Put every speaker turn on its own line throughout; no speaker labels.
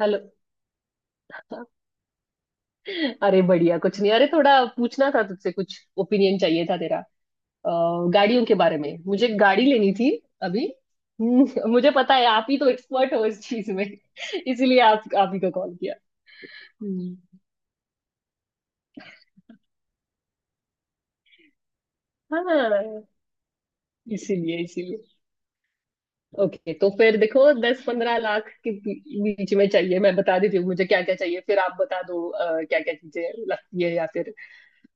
Hello. अरे बढ़िया कुछ नहीं। अरे थोड़ा पूछना था तुझसे कुछ ओपिनियन चाहिए था तेरा। अ, गाड़ियों के बारे में मुझे गाड़ी लेनी थी अभी। मुझे पता है आप ही तो एक्सपर्ट हो इस चीज में इसीलिए आप ही को कॉल किया। हम्म, हाँ। इसीलिए इसीलिए ओके तो फिर देखो 10-15 लाख के बीच में चाहिए। मैं बता देती हूँ मुझे क्या क्या चाहिए फिर आप बता दो क्या क्या चीजें लगती है या फिर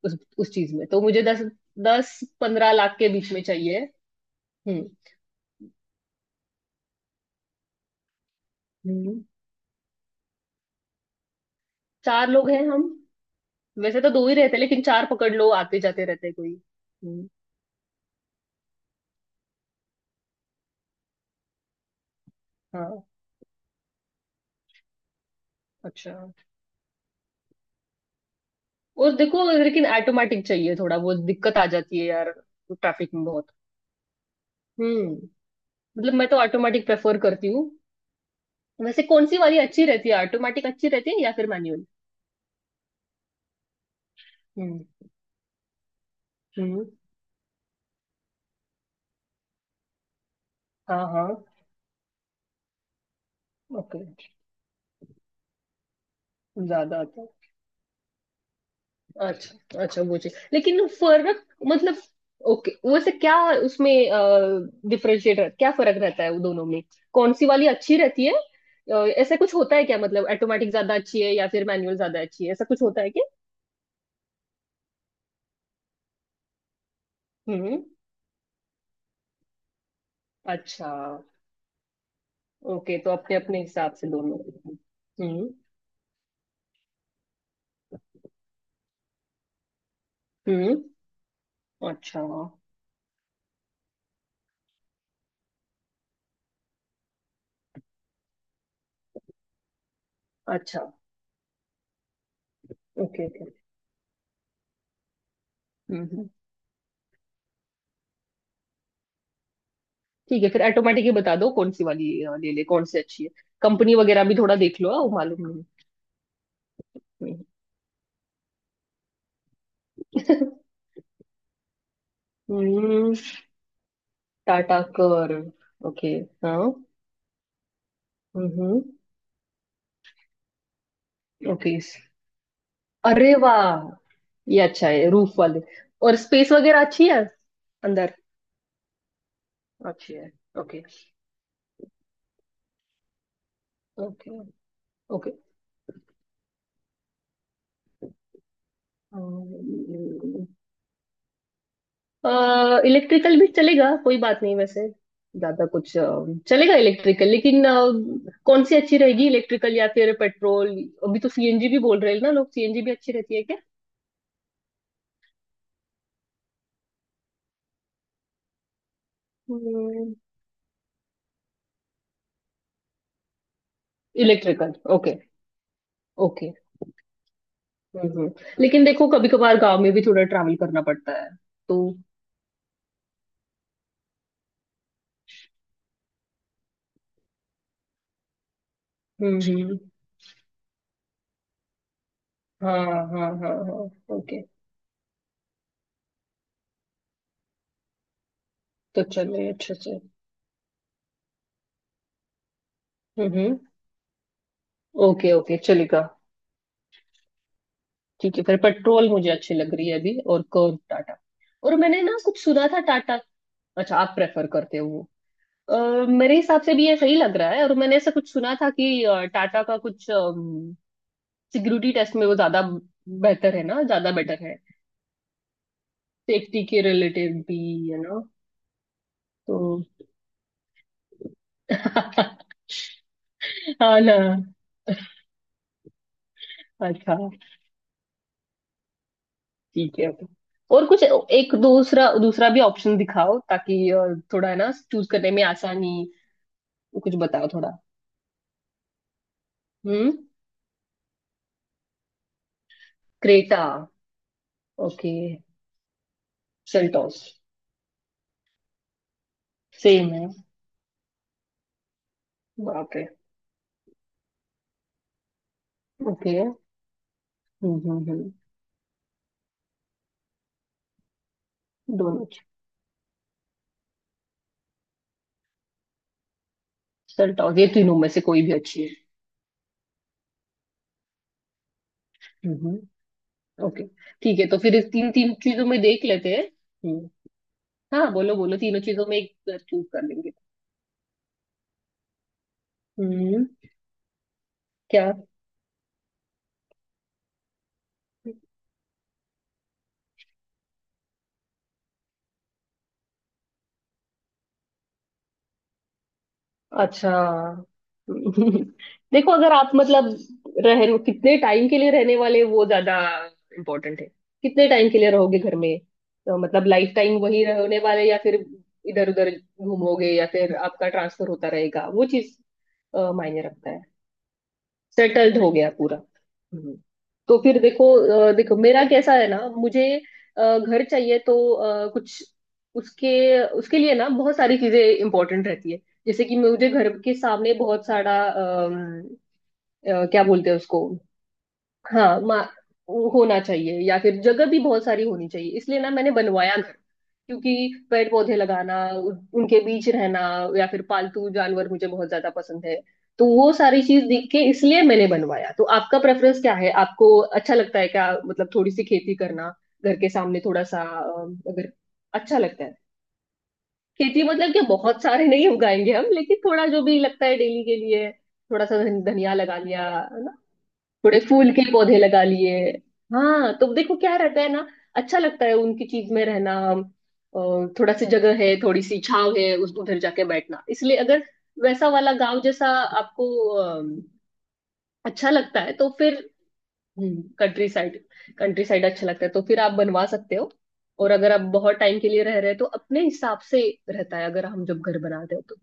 उस चीज में तो मुझे दस 10-15 लाख के बीच में चाहिए। हम्म हम्म। चार लोग हैं हम। वैसे तो दो ही रहते हैं लेकिन चार पकड़ लो आते जाते रहते हैं कोई। हम्म, हाँ। अच्छा और देखो लेकिन ऑटोमेटिक चाहिए थोड़ा वो दिक्कत आ जाती है यार ट्रैफिक में बहुत। हम्म। मतलब मैं तो ऑटोमेटिक प्रेफर करती हूँ। वैसे कौन सी वाली अच्छी रहती है ऑटोमेटिक अच्छी रहती है या फिर मैनुअल? हम्म हम्म, हाँ हाँ, ओके। ज्यादा आता। अच्छा अच्छा वो चीज लेकिन फर्क मतलब। ओके वैसे क्या उसमें डिफरेंशिएट क्या फर्क रहता है वो दोनों में कौन सी वाली अच्छी रहती है? ऐसा कुछ होता है क्या मतलब ऑटोमेटिक ज्यादा अच्छी है या फिर मैनुअल ज्यादा अच्छी है ऐसा कुछ होता है क्या? हम्म हम्म। अच्छा। ओके तो अपने अपने हिसाब से दोनों। हम्म हम्म। अच्छा। अच्छा ओके ओके। हम्म हम्म। ठीक है फिर ऑटोमेटिक ही बता दो कौन सी वाली ले ले कौन सी अच्छी है। कंपनी वगैरह भी थोड़ा देख लो हाँ, वो मालूम नहीं। हम्म। हम्म। टाटा कर ओके। हाँ हम्म। ओके अरे वाह। ये अच्छा है रूफ वाले और स्पेस वगैरह अच्छी है अंदर अच्छी है। Okay okay okay. इलेक्ट्रिकल भी चलेगा कोई बात नहीं वैसे। ज्यादा कुछ चलेगा इलेक्ट्रिकल लेकिन कौन सी अच्छी रहेगी इलेक्ट्रिकल या फिर पेट्रोल? अभी तो सीएनजी भी बोल रहे हैं ना लोग सीएनजी भी अच्छी रहती है क्या? Electrical okay okay. हम्म हम्म। लेकिन देखो कभी कभार गांव में भी थोड़ा ट्रैवल करना पड़ता है तो। हम्म हम्म हाँ हाँ हाँ हाँ ओके तो। चलिए अच्छे से। हम्म हम्म ओके ओके चलेगा। ठीक है फिर पेट्रोल मुझे अच्छी लग रही है अभी। और कर्व टाटा और मैंने ना कुछ सुना था टाटा। अच्छा आप प्रेफर करते हो वो? मेरे हिसाब से भी ये सही लग रहा है और मैंने ऐसा कुछ सुना था कि टाटा का कुछ सिक्योरिटी टेस्ट में वो ज्यादा बेहतर है ना ज्यादा बेटर है। सेफ्टी के रिलेटेड भी है ना तो। हाँ ना। अच्छा ठीक है ओके। और कुछ एक दूसरा दूसरा भी ऑप्शन दिखाओ ताकि थोड़ा है ना चूज करने में आसानी। कुछ बताओ थोड़ा। हम्म क्रेटा ओके सेल्टॉस सेम है बाप रे ओके। हम्म। दोनों अच्छे। सेल्टॉस ये तीनों में से कोई भी अच्छी है। हम्म हम्म ओके ठीक है तो फिर इस तीन तीन चीजों में देख लेते हैं। हम्म। हाँ बोलो बोलो तीनों चीजों में एक चूज कर लेंगे। हम्म क्या अच्छा। देखो अगर आप मतलब रह रहे हो, कितने टाइम के लिए रहने वाले वो ज्यादा इम्पोर्टेंट है। कितने टाइम के लिए रहोगे घर में तो? मतलब लाइफ टाइम वही रहने वाले या फिर इधर उधर घूमोगे या फिर आपका ट्रांसफर होता रहेगा वो चीज मायने रखता है। सेटल्ड हो गया पूरा? हम्म, तो फिर देखो। देखो मेरा कैसा है ना मुझे घर चाहिए तो कुछ उसके उसके लिए ना बहुत सारी चीजें इंपॉर्टेंट रहती है। जैसे कि मुझे घर के सामने बहुत सारा क्या बोलते हैं उसको? हाँ मा होना चाहिए या फिर जगह भी बहुत सारी होनी चाहिए इसलिए ना मैंने बनवाया घर क्योंकि पेड़ पौधे लगाना उनके बीच रहना या फिर पालतू जानवर मुझे बहुत ज्यादा पसंद है। तो वो सारी चीज देख के इसलिए मैंने बनवाया। तो आपका प्रेफरेंस क्या है आपको अच्छा लगता है क्या मतलब थोड़ी सी खेती करना घर के सामने थोड़ा सा अगर अच्छा लगता है? खेती मतलब कि बहुत सारे नहीं उगाएंगे हम लेकिन थोड़ा जो भी लगता है डेली के लिए थोड़ा सा धनिया लगा लिया थोड़े फूल के पौधे लगा लिए। हाँ तो देखो क्या रहता है ना। अच्छा लगता है उनकी चीज में रहना और थोड़ा सी जगह है थोड़ी सी छाव है उस उधर जाके बैठना इसलिए अगर वैसा वाला गांव जैसा आपको अम, अच्छा लगता है तो फिर कंट्री साइड। कंट्री साइड अच्छा लगता है तो फिर आप बनवा सकते हो। और अगर आप बहुत टाइम के लिए रह रहे हो तो अपने हिसाब से रहता है अगर हम जब घर बनाते हो तो।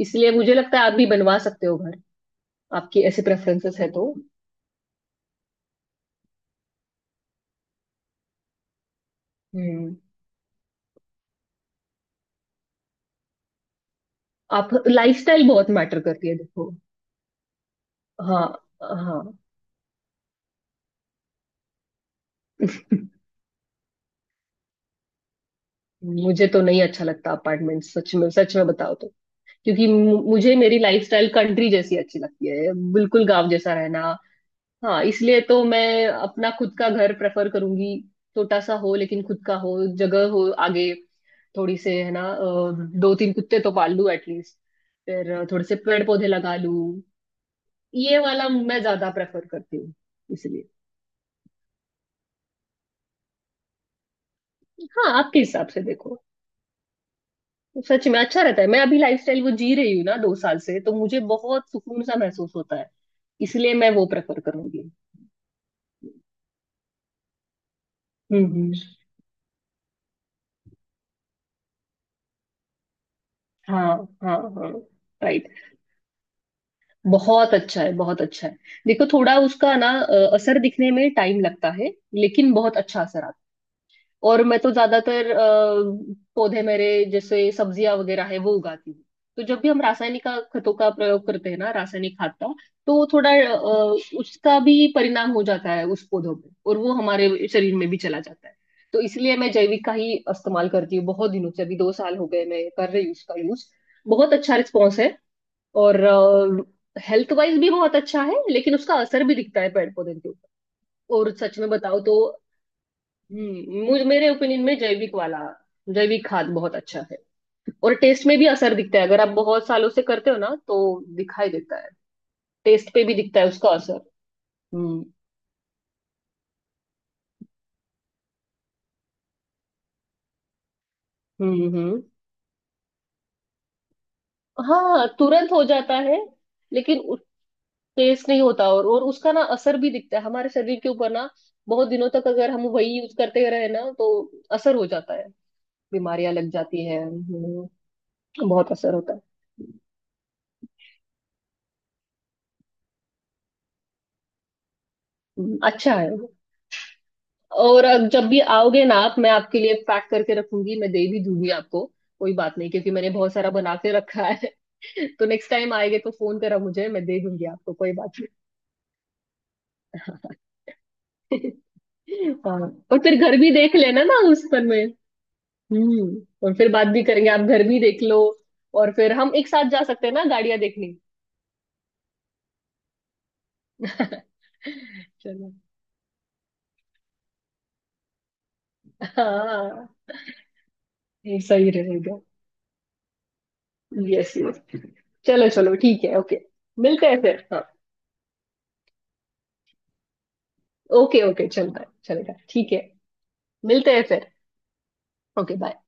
इसलिए मुझे लगता है आप भी बनवा सकते हो घर आपकी ऐसे प्रेफरेंसेस है तो। हम्म। आप लाइफस्टाइल बहुत मैटर करती है देखो। हाँ हाँ। मुझे तो नहीं अच्छा लगता अपार्टमेंट सच में। सच में बताओ तो क्योंकि मुझे मेरी लाइफस्टाइल कंट्री जैसी अच्छी लगती है बिल्कुल गांव जैसा रहना। हाँ इसलिए तो मैं अपना खुद का घर प्रेफर करूंगी। छोटा सा हो लेकिन खुद का हो जगह हो आगे थोड़ी से है ना दो तीन कुत्ते तो पाल लूं एटलीस्ट फिर थोड़े से पेड़ पौधे लगा लूं। ये वाला मैं ज्यादा प्रेफर करती हूँ इसलिए। हाँ आपके हिसाब से देखो सच में अच्छा रहता है मैं अभी लाइफस्टाइल वो जी रही हूँ ना 2 साल से तो मुझे बहुत सुकून सा महसूस होता है। इसलिए मैं वो प्रेफर करूंगी। हम्म। हाँ हाँ हाँ राइट। बहुत अच्छा है बहुत अच्छा है। देखो थोड़ा उसका ना असर दिखने में टाइम लगता है लेकिन बहुत अच्छा असर आता है। और मैं तो ज्यादातर पौधे मेरे जैसे सब्जियां वगैरह है वो उगाती हूँ। तो जब भी हम रासायनिक का खतों का प्रयोग करते हैं ना रासायनिक खाद का तो थोड़ा उसका भी परिणाम हो जाता है उस पौधों पे और वो हमारे शरीर में भी चला जाता है। तो इसलिए मैं जैविक का ही इस्तेमाल करती हूँ बहुत दिनों से अभी 2 साल हो गए मैं कर रही हूँ उसका यूज। बहुत अच्छा रिस्पॉन्स है और हेल्थ वाइज भी बहुत अच्छा है लेकिन उसका असर भी दिखता है पेड़ पौधे के ऊपर। और सच में बताओ तो मुझ मेरे ओपिनियन में जैविक वाला जैविक खाद बहुत अच्छा है। और टेस्ट में भी असर दिखता है अगर आप बहुत सालों से करते हो ना तो दिखाई देता है टेस्ट पे भी दिखता है उसका असर। हम्म हम्म हम्म हाँ तुरंत हो जाता है लेकिन टेस्ट नहीं होता और उसका ना असर भी दिखता है हमारे शरीर के ऊपर ना। बहुत दिनों तक अगर हम वही यूज करते रहे ना तो असर हो जाता है बीमारियां लग जाती है। बहुत असर होता है। अच्छा है। और अब जब भी आओगे ना आप मैं आपके लिए पैक करके रखूंगी मैं दे भी दूंगी आपको। कोई बात नहीं क्योंकि मैंने बहुत सारा बना के रखा है। तो नेक्स्ट टाइम आएंगे तो फोन करा मुझे मैं दे दूंगी आपको कोई बात नहीं। हाँ और फिर घर भी देख लेना ना उस पर में। और फिर बात भी करेंगे आप घर भी देख लो और फिर हम एक साथ जा सकते हैं ना गाड़ियां देखने। चलो हाँ ये सही रहेगा। यस यस चलो चलो ठीक है ओके। मिलते हैं फिर हाँ। ओके ओके चलता है चलेगा ठीक है। मिलते हैं फिर ओके बाय।